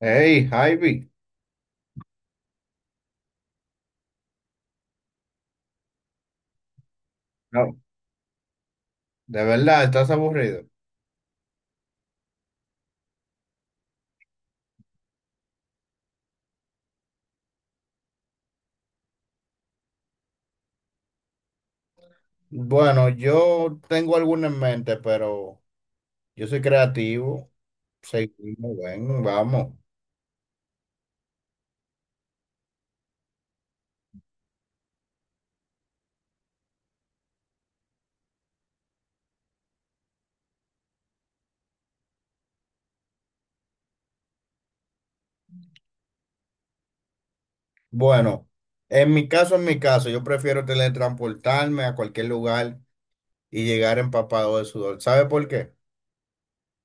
Hey, Ivy, no, de verdad, estás aburrido. Bueno, yo tengo alguna en mente, pero yo soy creativo. Seguimos, ven, vamos. Bueno, en mi caso, yo prefiero teletransportarme a cualquier lugar y llegar empapado de sudor. ¿Sabe por qué?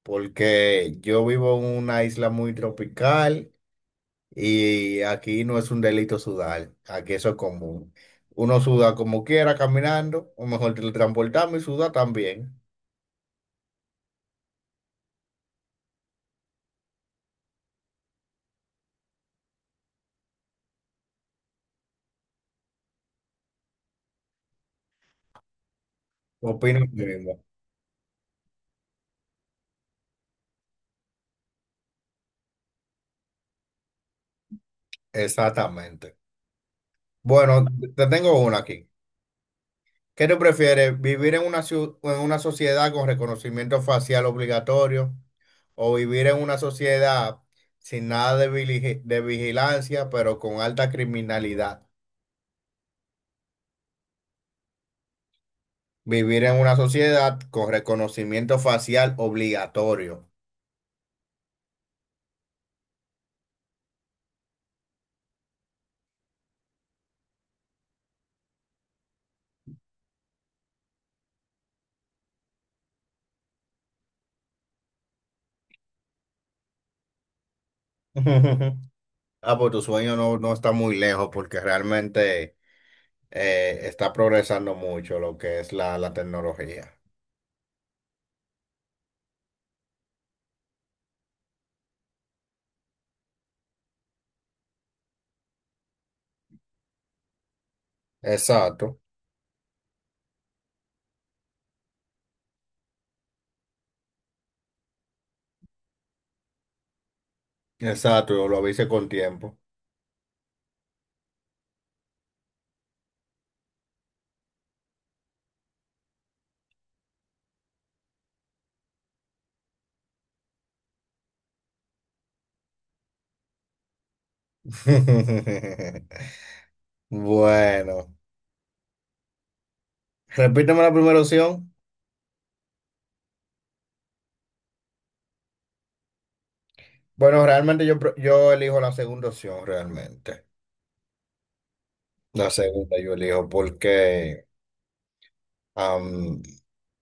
Porque yo vivo en una isla muy tropical y aquí no es un delito sudar, aquí eso es común. Uno suda como quiera caminando, o mejor teletransportarme y suda también. Opino lo mismo. Exactamente. Bueno, te tengo una aquí. ¿Qué te prefieres, vivir en una, en una sociedad con reconocimiento facial obligatorio o vivir en una sociedad sin nada de, de vigilancia, pero con alta criminalidad? Vivir en una sociedad con reconocimiento facial obligatorio. Ah, pues tu sueño no, no está muy lejos porque realmente está progresando mucho lo que es la tecnología. Exacto. Exacto, yo lo avisé con tiempo. Bueno, repíteme la primera opción. Bueno, realmente yo elijo la segunda opción, realmente. La segunda yo elijo porque am,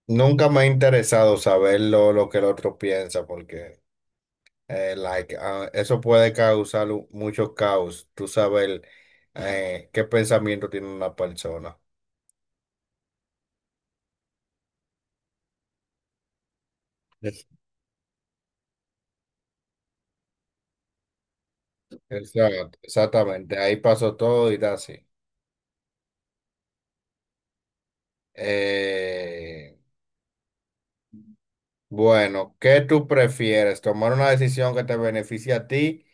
nunca me ha interesado saber lo que el otro piensa, porque like, ah, eso puede causar mucho caos, tú saber qué pensamiento tiene una persona. Es- Exacto, exactamente, ahí pasó todo y da así. Eh, bueno, ¿qué tú prefieres? ¿Tomar una decisión que te beneficie a ti,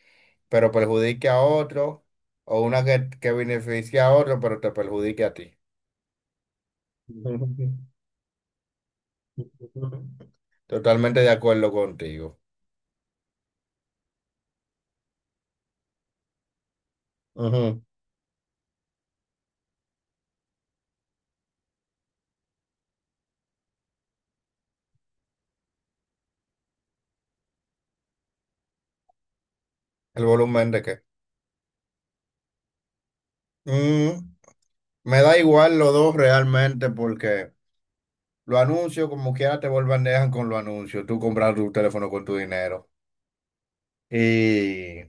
pero perjudique a otro? ¿O una que beneficie a otro, pero te perjudique a ti? Totalmente de acuerdo contigo. Ujú. ¿El volumen de qué? Mm, me da igual los dos realmente porque los anuncios, como quiera, te vuelvan dejan con los anuncios. Tú compras tu teléfono con tu dinero. ¿Y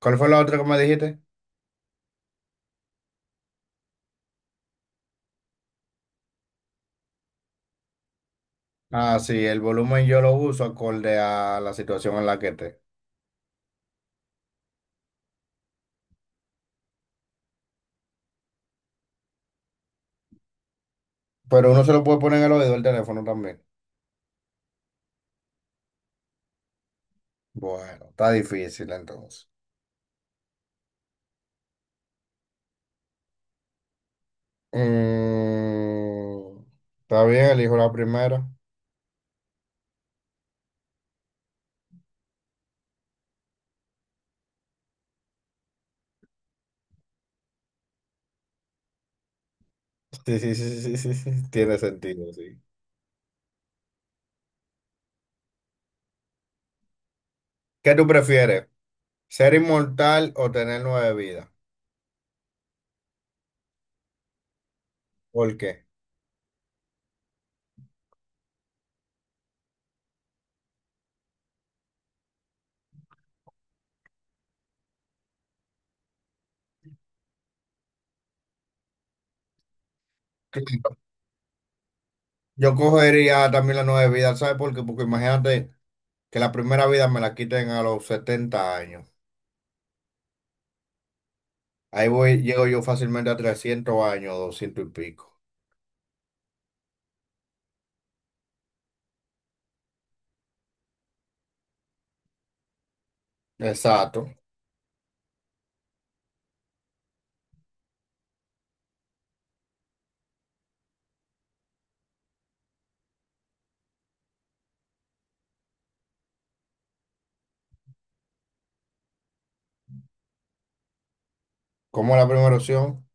cuál fue la otra que me dijiste? Ah, sí, el volumen yo lo uso acorde a la situación en la que esté. Pero uno se lo puede poner en el oído del teléfono también. Bueno, está difícil entonces. Mm, está bien, elijo la primera. Sí, sí, sí, sí, sí, sí, sí. Tiene sentido, sí. ¿Qué tú prefieres? ¿Ser inmortal o tener 9 vidas? ¿Por qué? Claro, yo cogería también las 9 vidas, ¿sabes por qué? Porque imagínate que la primera vida me la quiten a los 70 años. Ahí voy, llego yo fácilmente a 300 años, 200 y pico. Exacto. Como la primera opción,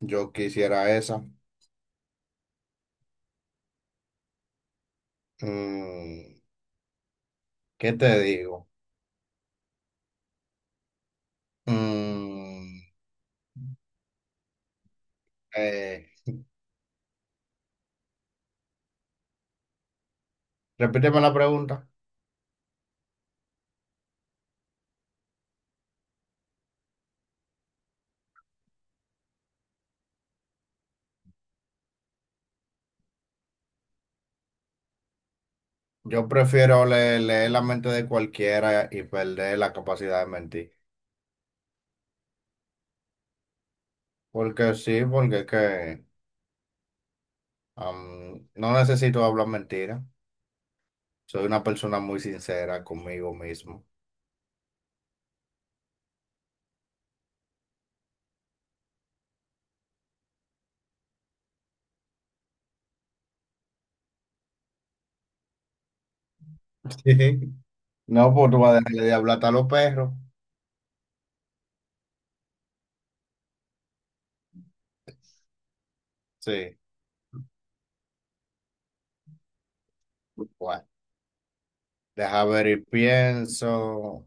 yo quisiera esa. Mm, ¿qué te digo? Mm, eh, repíteme la pregunta. Yo prefiero leer, la mente de cualquiera y perder la capacidad de mentir. Porque sí, porque es que no necesito hablar mentira. Soy una persona muy sincera conmigo mismo. No, pues tú vas a dejar de hablar hasta a los perros. Sí. Bueno, deja ver y pienso.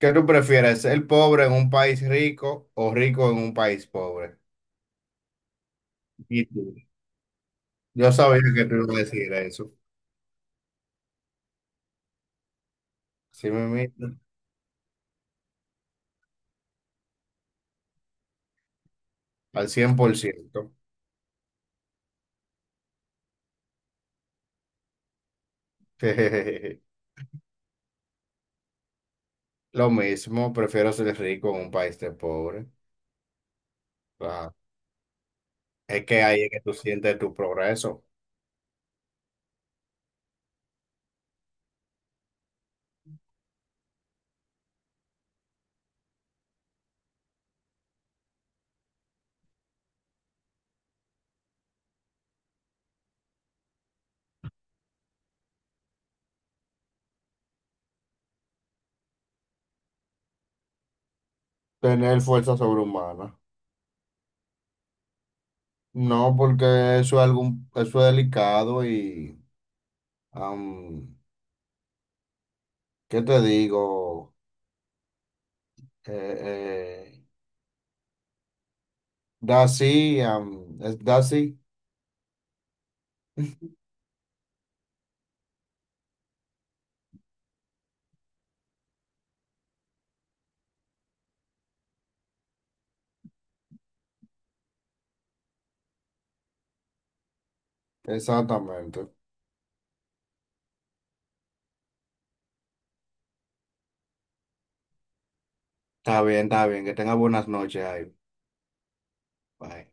¿Qué tú prefieres, ser pobre en un país rico o rico en un país pobre? Y tú. Yo sabía que tú ibas a decir eso. Sí, me mismo, al 100%. Lo mismo, prefiero ser rico en un país de pobre. Claro. Es que ahí es que tú sientes tu progreso. Tener fuerza sobrehumana. No, porque eso es algún, eso es delicado y, am, ¿qué te digo? Eh, eh, Daisy, es Daisy. Exactamente. Está bien, está bien. Que tenga buenas noches ahí. Bye.